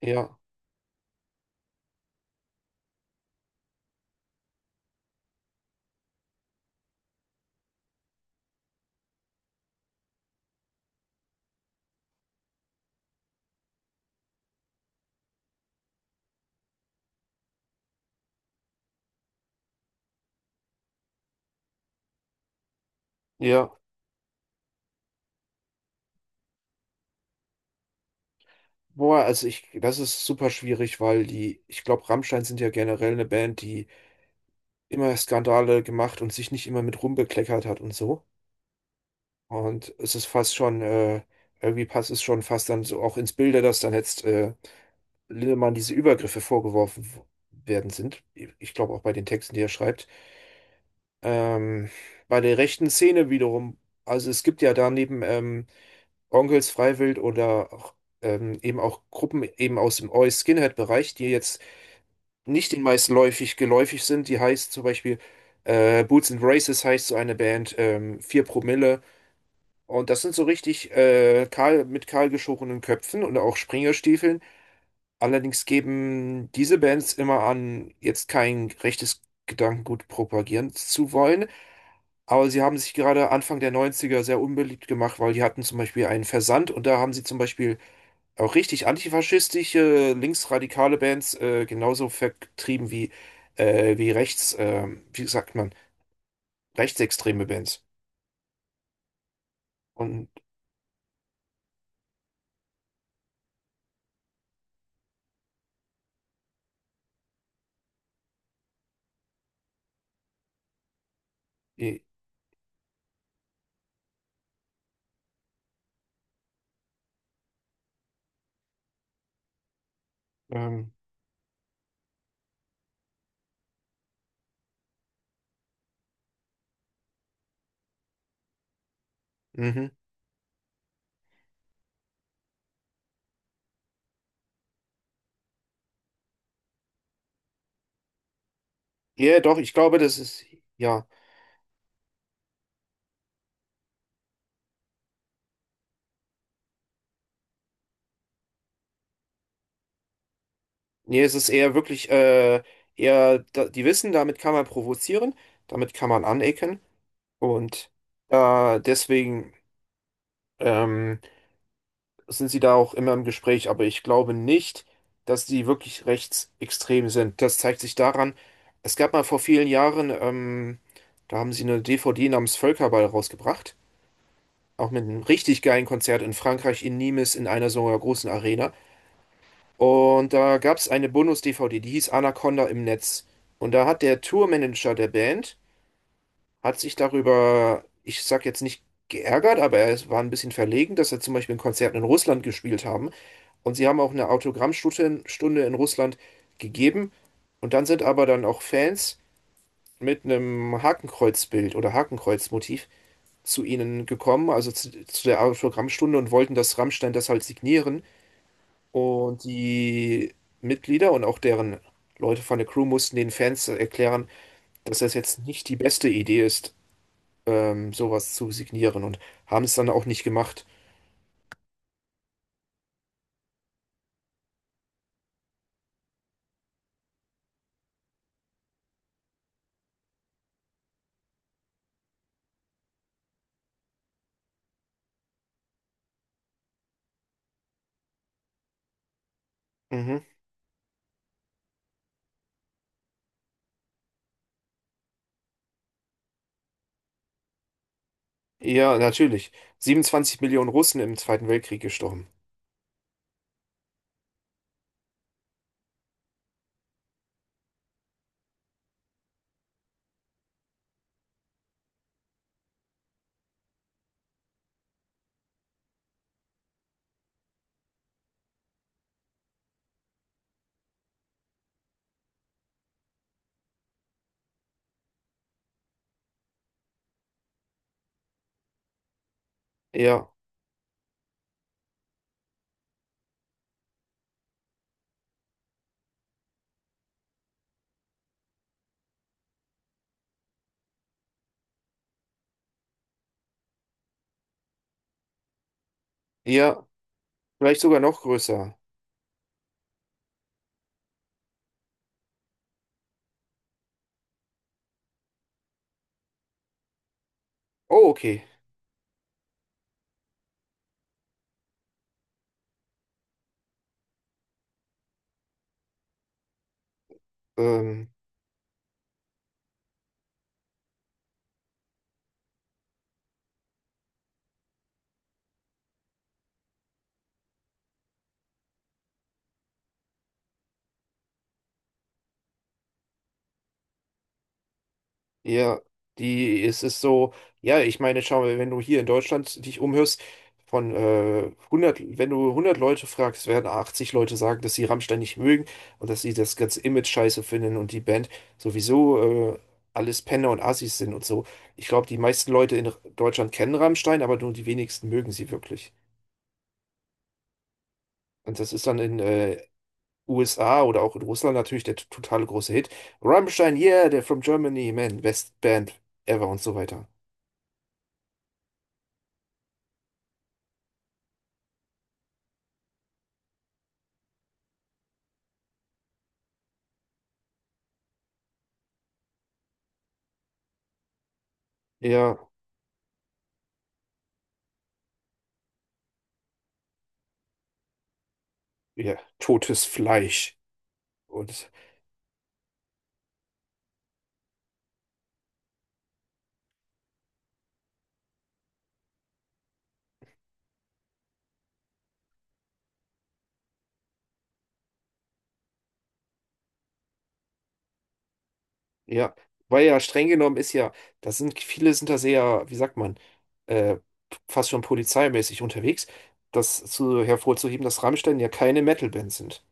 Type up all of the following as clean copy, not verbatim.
Ja, ja. Boah, also ich, das ist super schwierig, weil die, ich glaube, Rammstein sind ja generell eine Band, die immer Skandale gemacht und sich nicht immer mit rumbekleckert hat und so. Und es ist fast schon, irgendwie passt es schon fast dann so auch ins Bilde, dass dann jetzt Lindemann diese Übergriffe vorgeworfen werden sind. Ich glaube auch bei den Texten, die er schreibt. Ähm, bei der rechten Szene wiederum, also es gibt ja daneben, Onkels Freiwild oder auch, eben auch Gruppen eben aus dem Oi Skinhead-Bereich, die jetzt nicht den meisten läufig geläufig sind. Die heißt zum Beispiel Boots and Braces heißt so eine Band, 4 Promille. Und das sind so richtig kahl, mit kahl geschorenen Köpfen und auch Springerstiefeln. Allerdings geben diese Bands immer an, jetzt kein rechtes Gedankengut propagieren zu wollen. Aber sie haben sich gerade Anfang der Neunziger sehr unbeliebt gemacht, weil die hatten zum Beispiel einen Versand und da haben sie zum Beispiel auch richtig antifaschistische, linksradikale Bands genauso vertrieben wie, wie rechts, wie sagt man, rechtsextreme Bands. Und äh, ähm, mhm. Ja, doch, ich glaube, das ist, ja. Nee, es ist eher wirklich, eher, da, die wissen, damit kann man provozieren, damit kann man anecken. Und deswegen, ähm, sind sie da auch immer im Gespräch, aber ich glaube nicht, dass sie wirklich rechtsextrem sind. Das zeigt sich daran, es gab mal vor vielen Jahren, da haben sie eine DVD namens Völkerball rausgebracht, auch mit einem richtig geilen Konzert in Frankreich, in Nimes, in einer so einer großen Arena. Und da gab es eine Bonus-DVD, die hieß Anaconda im Netz. Und da hat der Tourmanager der Band hat sich darüber, ich sag jetzt nicht geärgert, aber er war ein bisschen verlegen, dass er zum Beispiel in Konzerten in Russland gespielt haben. Und sie haben auch eine Autogrammstunde in, Stunde in Russland gegeben. Und dann sind aber dann auch Fans mit einem Hakenkreuzbild oder Hakenkreuzmotiv zu ihnen gekommen, also zu der Autogrammstunde und wollten, dass Rammstein das halt signieren. Und die Mitglieder und auch deren Leute von der Crew mussten den Fans erklären, dass das jetzt nicht die beste Idee ist, sowas zu signieren und haben es dann auch nicht gemacht. Mhm. Ja, natürlich. 27 Millionen Russen im Zweiten Weltkrieg gestorben. Ja, ja, vielleicht sogar noch größer. Oh, okay. Ähm, Ja, die, es ist so, ja, ich meine, schau mal, wenn du hier in Deutschland dich umhörst, von 100, wenn du 100 Leute fragst, werden 80 Leute sagen, dass sie Rammstein nicht mögen und dass sie das ganze Image scheiße finden und die Band sowieso alles Penner und Assis sind und so. Ich glaube, die meisten Leute in Deutschland kennen Rammstein, aber nur die wenigsten mögen sie wirklich. Und das ist dann in USA oder auch in Russland natürlich der totale große Hit. Rammstein, yeah, they're from Germany, man, best band ever und so weiter. Ja, ja, totes Fleisch. Und ja, weil ja streng genommen ist ja, das sind, viele sind da sehr, wie sagt man, äh, fast schon polizeimäßig unterwegs, das zu, hervorzuheben, dass Rammstein ja keine Metalband sind.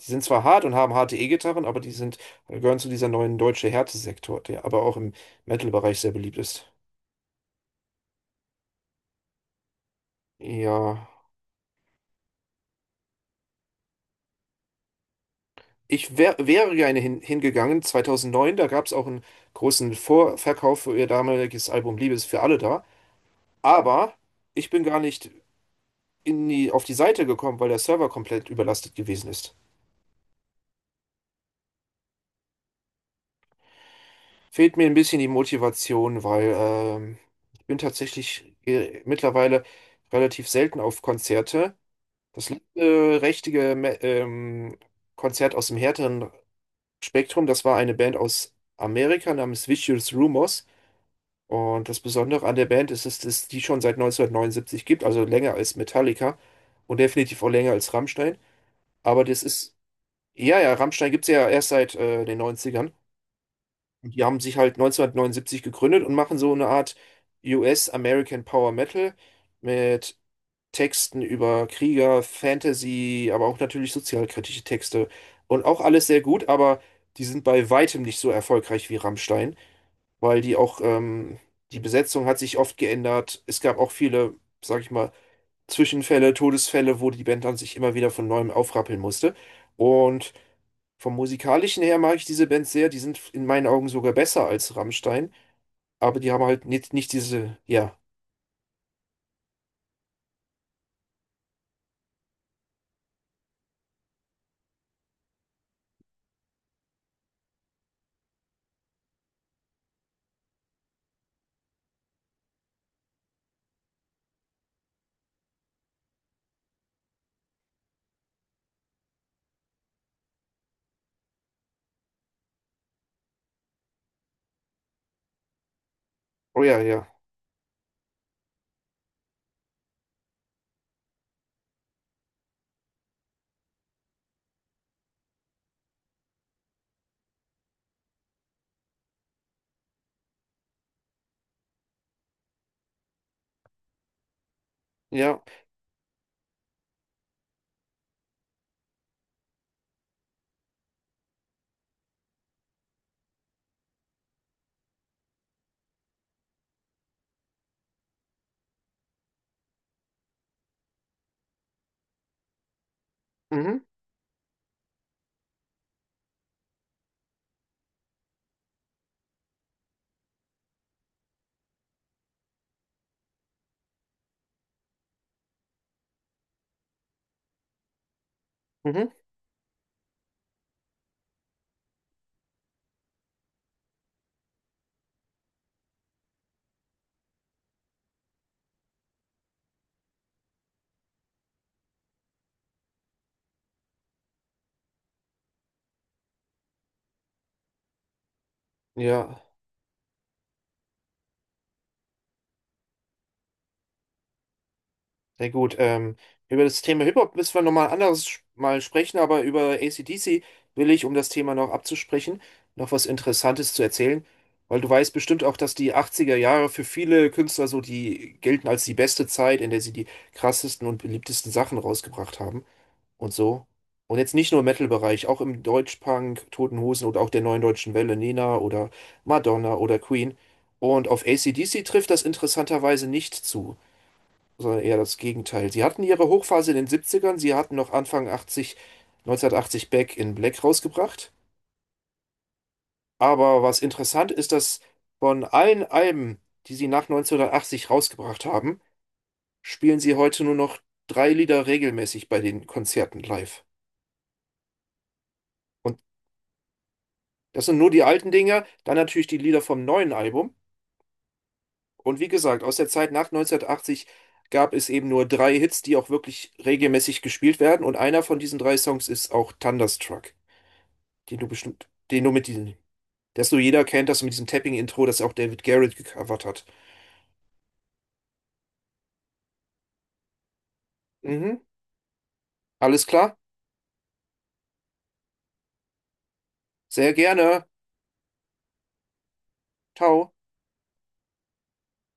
Die sind zwar hart und haben harte E-Gitarren, aber gehören zu dieser neuen deutsche Härtesektor, der aber auch im Metal-Bereich sehr beliebt ist. Ja, ich wäre gerne hingegangen, 2009, da gab es auch einen großen Vorverkauf für ihr damaliges Album Liebe ist für alle da. Aber ich bin gar nicht auf die Seite gekommen, weil der Server komplett überlastet gewesen ist. Fehlt mir ein bisschen die Motivation, weil ich bin tatsächlich mittlerweile relativ selten auf Konzerte. Das letzte richtige Konzert aus dem härteren Spektrum, das war eine Band aus Amerika namens Vicious Rumors. Und das Besondere an der Band ist, dass es die schon seit 1979 gibt, also länger als Metallica und definitiv auch länger als Rammstein. Aber das ist Ja, ja, Rammstein gibt's ja erst seit den Neunzigern. Und die haben sich halt 1979 gegründet und machen so eine Art US-American Power Metal mit Texten über Krieger, Fantasy, aber auch natürlich sozialkritische Texte. Und auch alles sehr gut, aber die sind bei weitem nicht so erfolgreich wie Rammstein, weil die auch, die Besetzung hat sich oft geändert. Es gab auch viele, sag ich mal, Zwischenfälle, Todesfälle, wo die Band dann sich immer wieder von neuem aufrappeln musste. Und vom Musikalischen her mag ich diese Band sehr. Die sind in meinen Augen sogar besser als Rammstein. Aber die haben halt nicht diese. Ja. Oh ja, ja. Ja. Mhm. Mhm. Ja. Sehr gut. Über das Thema Hip-Hop müssen wir nochmal anders mal sprechen. Aber über AC/DC will ich, um das Thema noch abzusprechen, noch was Interessantes zu erzählen. Weil du weißt bestimmt auch, dass die 80er Jahre für viele Künstler so, die gelten als die beste Zeit, in der sie die krassesten und beliebtesten Sachen rausgebracht haben und so. Und jetzt nicht nur im Metal-Bereich, auch im Deutschpunk, Toten Hosen oder auch der Neuen Deutschen Welle, Nena oder Madonna oder Queen. Und auf AC/DC trifft das interessanterweise nicht zu, sondern eher das Gegenteil. Sie hatten ihre Hochphase in den Siebzigern, sie hatten noch Anfang 80, 1980 Back in Black rausgebracht. Aber was interessant ist, dass von allen Alben, die sie nach 1980 rausgebracht haben, spielen sie heute nur noch drei Lieder regelmäßig bei den Konzerten live. Und das sind nur die alten Dinger, dann natürlich die Lieder vom neuen Album. Und wie gesagt, aus der Zeit nach 1980 gab es eben nur drei Hits, die auch wirklich regelmäßig gespielt werden. Und einer von diesen drei Songs ist auch Thunderstruck, den du bestimmt, den du mit diesem, das nur jeder kennt, das mit diesem Tapping-Intro, das auch David Garrett gecovert hat. Mhm, alles klar? Sehr gerne. Ciao.